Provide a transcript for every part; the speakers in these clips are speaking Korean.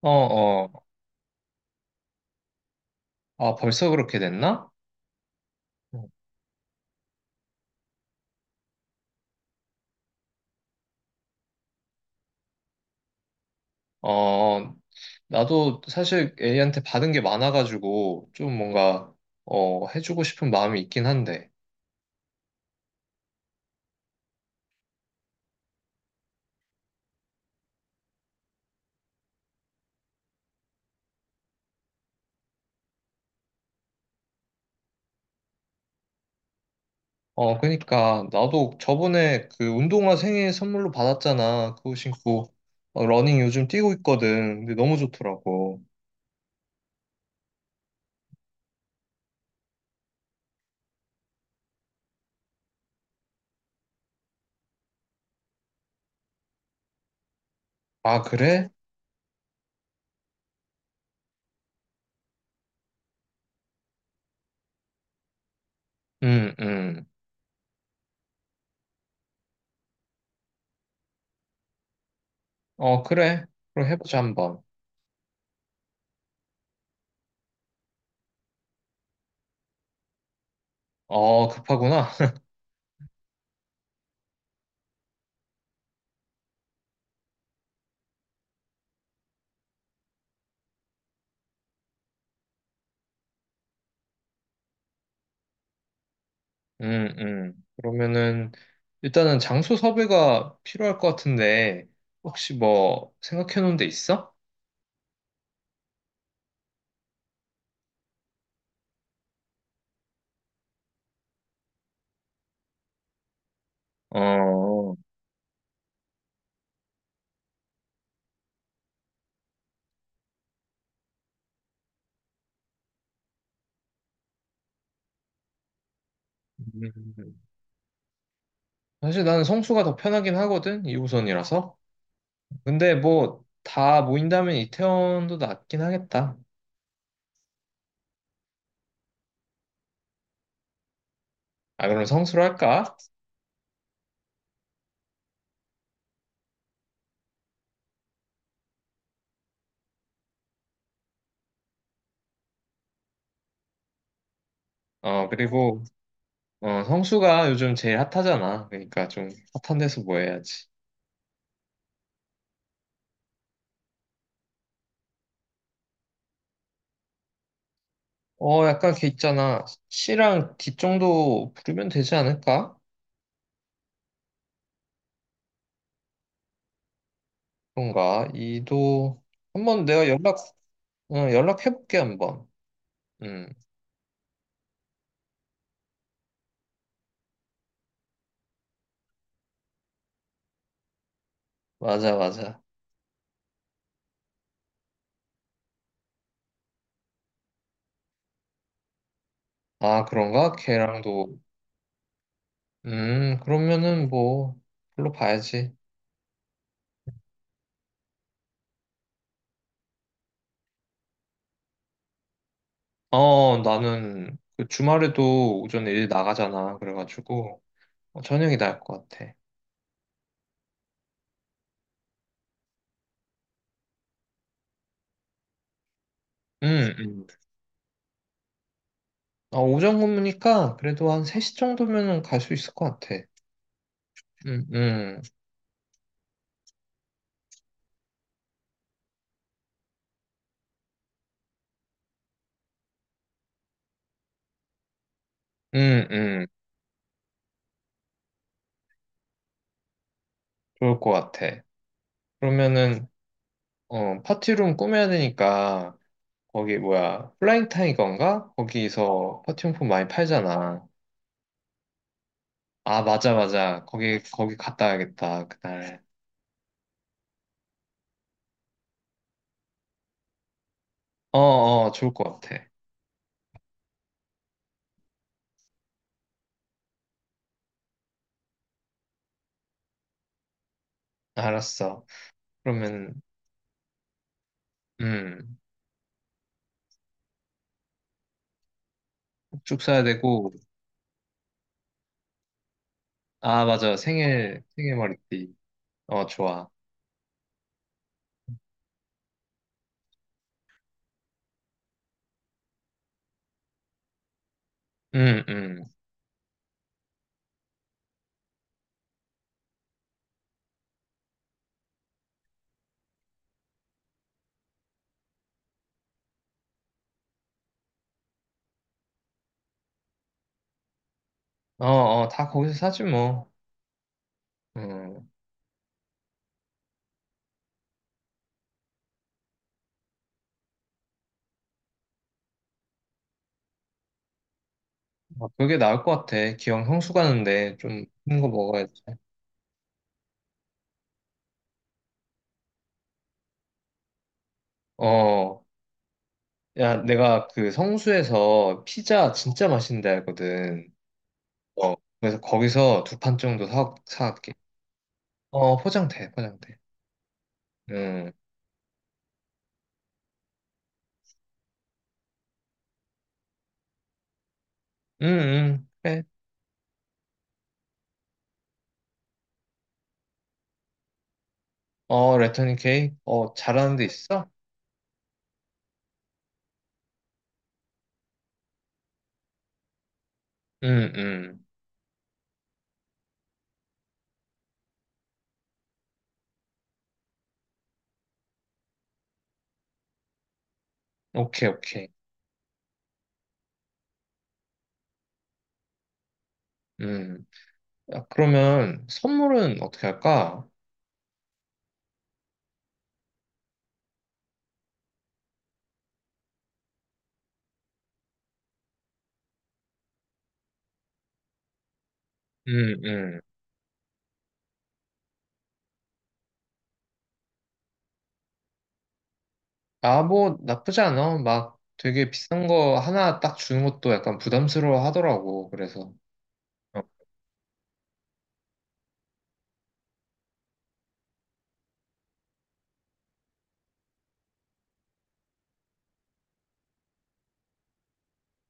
어, 어. 아, 벌써 그렇게 됐나? 음. 어, 나도 사실 A한테 받은 게 많아가지고 좀 뭔가 어, 해주고 싶은 마음이 있긴 한데. 어, 그러니까 나도 저번에 그 운동화 생일 선물로 받았잖아. 그거 신고 어, 러닝 요즘 뛰고 있거든. 근데 너무 좋더라고. 아, 그래? 응, 응. 어, 그래. 그럼 해보자 한번. 어, 급하구나. 그러면은 일단은 장소 섭외가 필요할 것 같은데 혹시 뭐 생각해 놓은 데 있어? 어. 음. 사실 나는 성수가 더 편하긴 하거든, 2호선이라서. 근데 뭐 다 모인다면 이태원도 낫긴 하겠다. 아, 그럼 성수로 할까? 어, 그리고 어, 성수가 요즘 제일 핫하잖아. 그러니까 좀 핫한 데서 뭐 해야지. 어, 약간 걔 있잖아. C랑 D 정도 부르면 되지 않을까? 그런가? 이도 한 번 내가 연락 어, 연락해볼게 한번. 음. 맞아 맞아. 아, 그런가? 걔랑도 음, 그러면은 뭐 별로 봐야지. 어, 나는 그 주말에도 오전에 일 나가잖아. 그래가지고 어, 저녁이 나을 것 같아. 음, 음. 아, 오전 근무니까 그래도 한 3시 정도면은 갈 수 있을 것 같아. 음, 음, 음, 음. 좋을 것 같아. 그러면은, 어, 파티룸 꾸며야 되니까 거기 뭐야 플라잉 타이거인가? 거기서 퍼팅폼 많이 팔잖아. 아, 맞아 맞아 거기 거기 갔다 와야겠다 그날. 어어, 좋을 것 같아. 알았어. 그러면 음쭉 사야 되고 아, 맞아 생일 생일 머리띠. 어, 좋아. 음음어어 다 거기서 사지 뭐. 음. 어, 그게 나을 것 같아. 기왕 성수 가는데 좀 큰 거 먹어야지. 어. 야, 내가 그 성수에서 피자 진짜 맛있는데 알거든. 어, 그래서 거기서 두 판 정도 사갈게. 어, 포장돼, 포장돼. 음, 그래. 어, 레터닝 케이크? 어, 잘하는 데 있어? 음, 음. 오케이, 오케이. 음. 아, 그러면 선물은 어떻게 할까? 음, 음. 아, 뭐, 나쁘지 않아. 막 되게 비싼 거 하나 딱 주는 것도 약간 부담스러워 하더라고. 그래서. 어,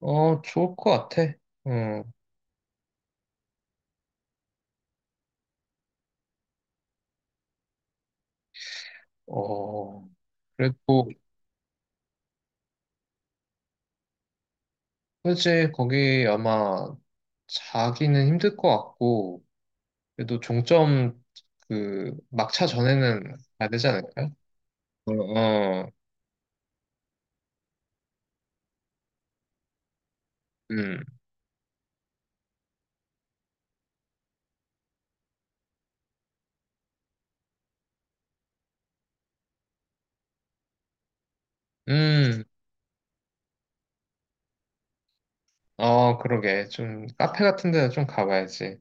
어, 좋을 것 같아. 음, 어. 그래도, 그지 거기 아마 자기는 힘들 것 같고, 그래도 종점 그 막차 전에는 가야 되지 않을까요? 어, 어, 음, 음, 어, 그러게. 좀 카페 같은 데는 좀 가봐야지.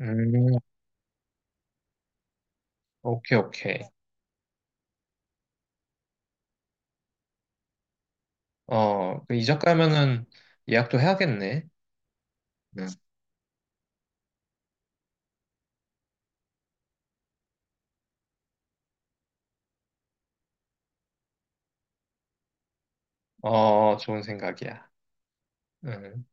음, 오케이, 오케이. 어, 그 이적 가면은 예약도 해야겠네. 음, 어, 좋은 생각이야. 음.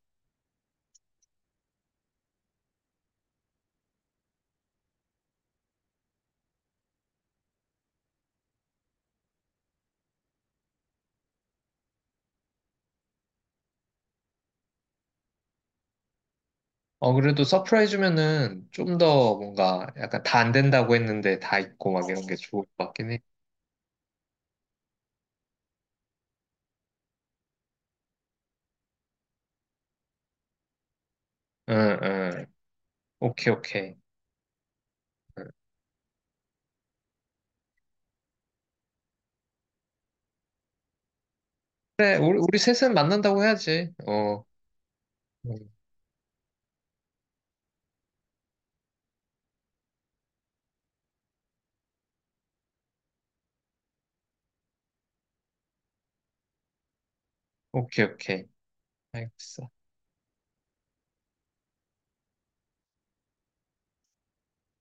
어, 그래도 서프라이즈면은 좀 더 뭔가 약간 다 안 된다고 했는데 다 있고 막 이런 게 좋을 것 같긴 해. 응, 응. 오케이, 오케이. 응. 그래, 우리 셋은 만난다고 해야지. 어, 음, 오케이, 오케이. 알겠어.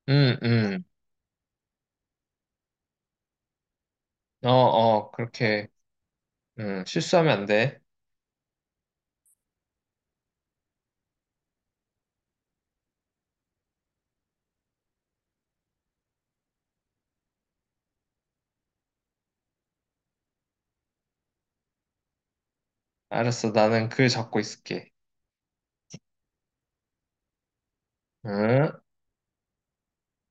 응, 응. 어, 어, 그렇게, 응, 실수하면 안 돼. 알았어, 나는 글 잡고 있을게. 응?